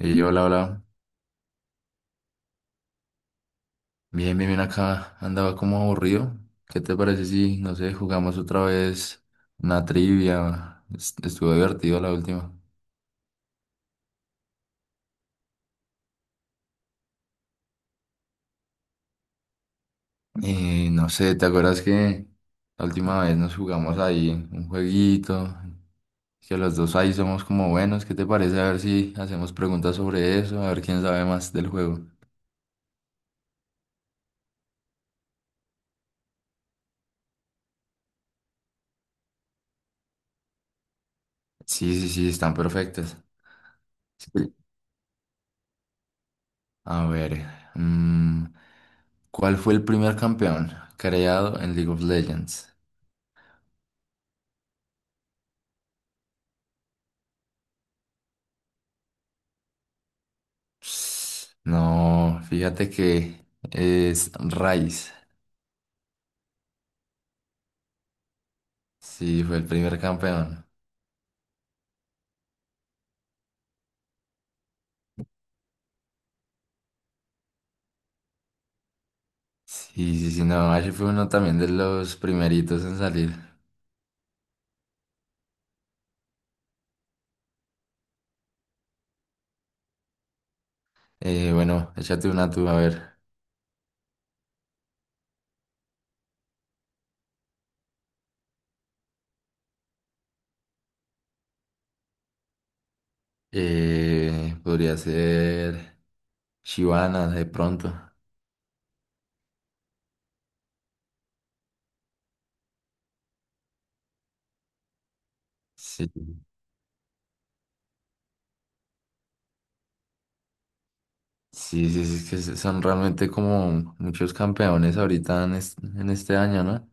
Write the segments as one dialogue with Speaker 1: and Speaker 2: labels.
Speaker 1: Y yo, hola, hola. Bien, bien, bien acá. Andaba como aburrido. ¿Qué te parece si, no sé, jugamos otra vez una trivia? Estuvo divertido la última. Y no sé, ¿te acuerdas que la última vez nos jugamos ahí un jueguito? Que los dos ahí somos como buenos. ¿Qué te parece? A ver si hacemos preguntas sobre eso, a ver quién sabe más del juego. Sí, sí, sí, están perfectas. Sí. A ver, mm, ¿cuál fue el primer campeón creado en League of Legends? No, fíjate que es Rice. Sí, fue el primer campeón. Sí, sí, sí, no, Ash fue uno también de los primeritos en salir. Bueno, échate una tú, a ver. Podría ser Shivana de pronto. Sí, sí, sí, sí, es que son realmente como muchos campeones ahorita en este año, ¿no?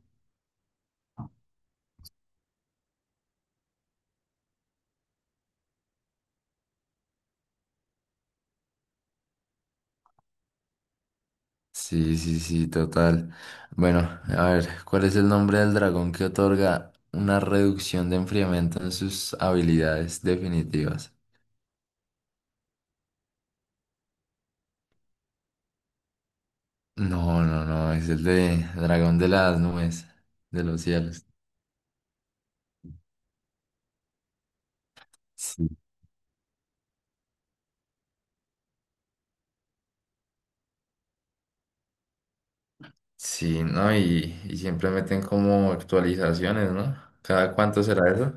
Speaker 1: Sí, sí, sí, total. Bueno, a ver, ¿cuál es el nombre del dragón que otorga una reducción de enfriamiento en sus habilidades definitivas? No, no, no, es el de dragón de las nubes, de los cielos. Sí, sí, ¿no? Y siempre meten como actualizaciones, ¿no? ¿Cada cuánto será eso?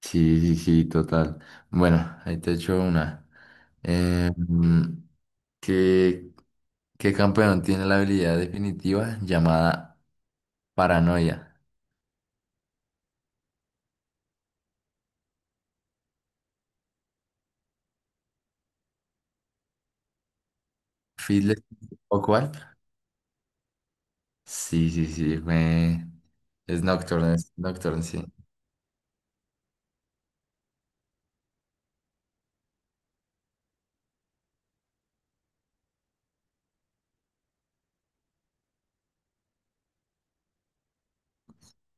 Speaker 1: Sí, sí, sí, total. Bueno, ahí te echo una. Eh, ¿Qué, qué campeón tiene la habilidad definitiva llamada paranoia? ¿Fiddler o cuál? Sí, sí, sí, me... es Nocturne, sí.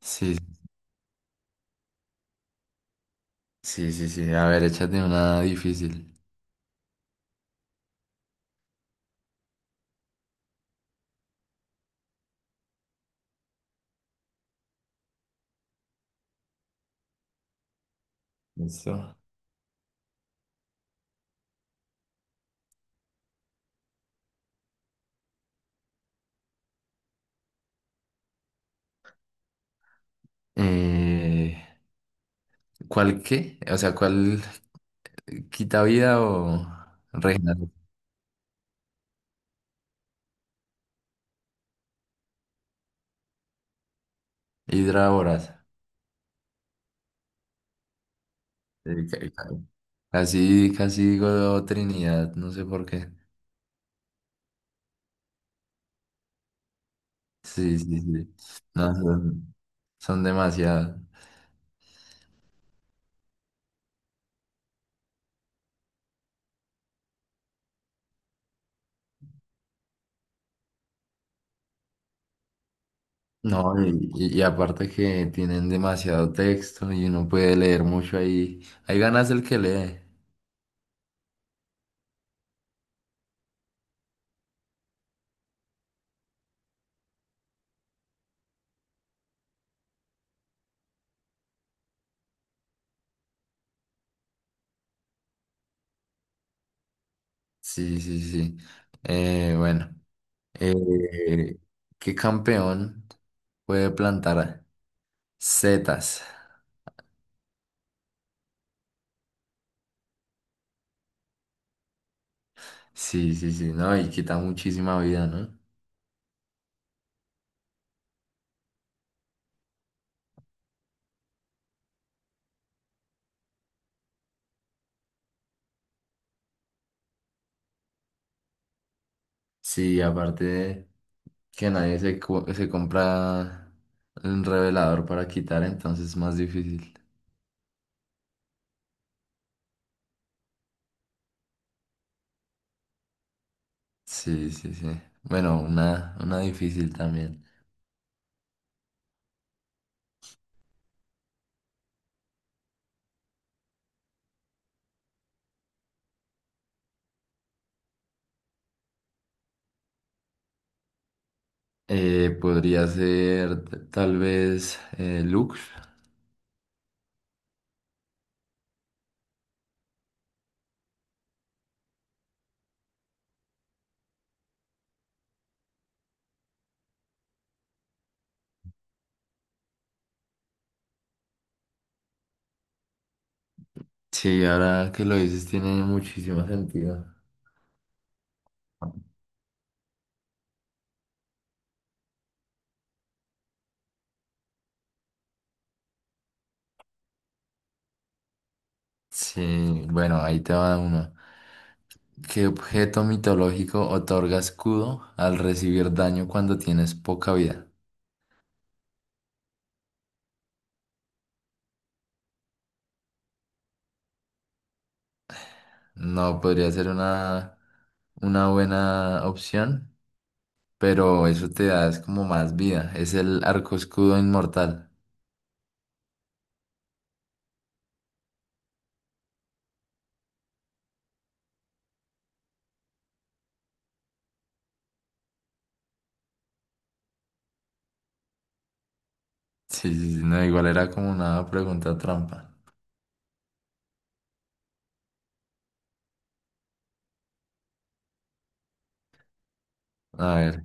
Speaker 1: Sí, sí, sí, sí. A ver, échate una difícil. Listo. Eh, ¿Cuál qué? O sea, ¿cuál quita vida o reina? Hidra Voraz. Eh, ca- ca- Casi, casi digo Trinidad, no sé por qué. Sí, sí, sí. No, sé. Son demasiadas. No, y aparte que tienen demasiado texto y uno puede leer mucho ahí. Hay ganas el que lee. Sí, sí, sí. Bueno, eh, ¿qué campeón puede plantar setas? Sí, sí, sí, no, y quita muchísima vida, ¿no? Sí, aparte de que nadie se compra un revelador para quitar, entonces es más difícil. Sí, sí, sí. Bueno, una difícil también. Podría ser tal vez Lux. Sí, ahora que lo dices tiene muchísimo sentido. Sí, bueno, ahí te va uno. ¿Qué objeto mitológico otorga escudo al recibir daño cuando tienes poca vida? No, podría ser una buena opción, pero eso te da es como más vida. Es el arco escudo inmortal. Sí, sí, sí, no, igual era como una pregunta trampa. A ver.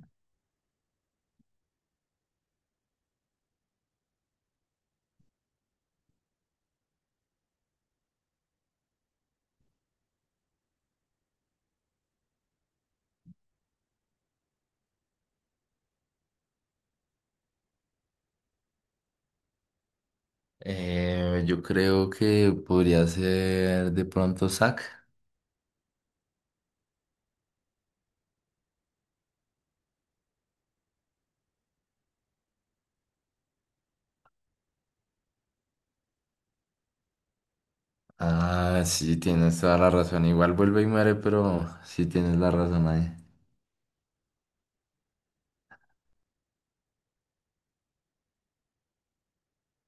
Speaker 1: Yo creo que podría ser de pronto Zack. Ah, sí, tienes toda la razón. Igual vuelve y muere, pero sí tienes la razón ahí.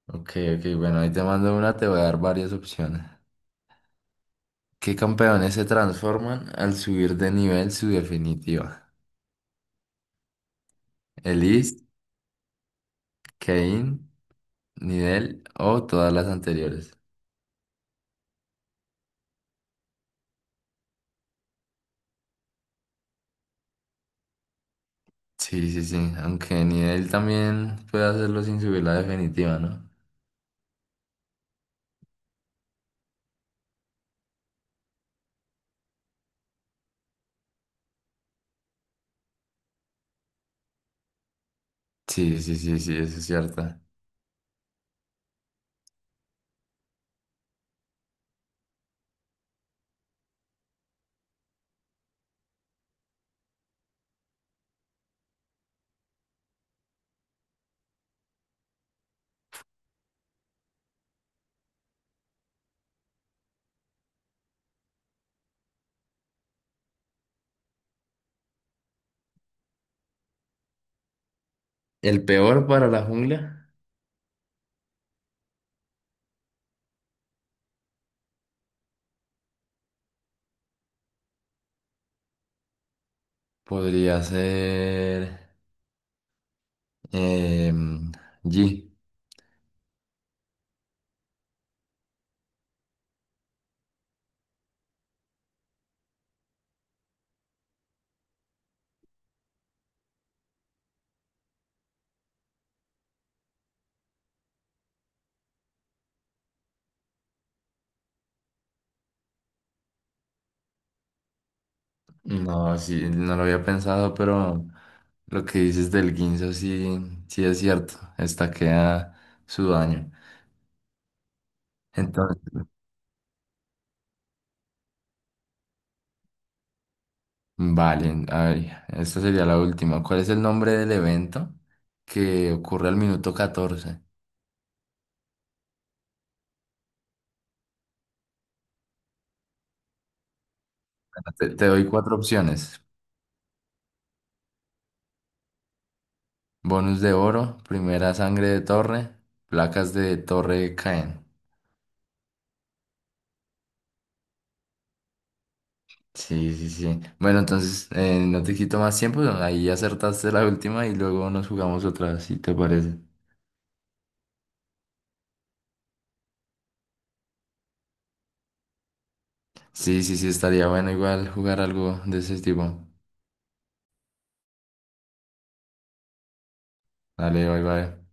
Speaker 1: Ok, ok, bueno, ahí te mando una, te voy a dar varias opciones. ¿Qué campeones se transforman al subir de nivel su definitiva? ¿Elise, Kayn, Nidel o todas las anteriores? Sí, sí, sí, aunque Nidel también puede hacerlo sin subir la definitiva, ¿no? Sí, sí, sí, sí, eso es cierto. El peor para la jungla podría ser em, G. No, sí, no lo había pensado, pero lo que dices del Guinzo sí, sí es cierto. Queda su daño. Entonces, vale, a ver, esta sería la última. ¿Cuál es el nombre del evento que ocurre al minuto 14? Bueno, te doy cuatro opciones. Bonus de oro, primera sangre de torre, placas de torre caen. Sí, sí, sí. Bueno, entonces no te quito más tiempo. Ahí acertaste la última y luego nos jugamos otra, si te parece. Sí, sí, sí, estaría bueno igual jugar algo de ese tipo. Dale, bye, bye.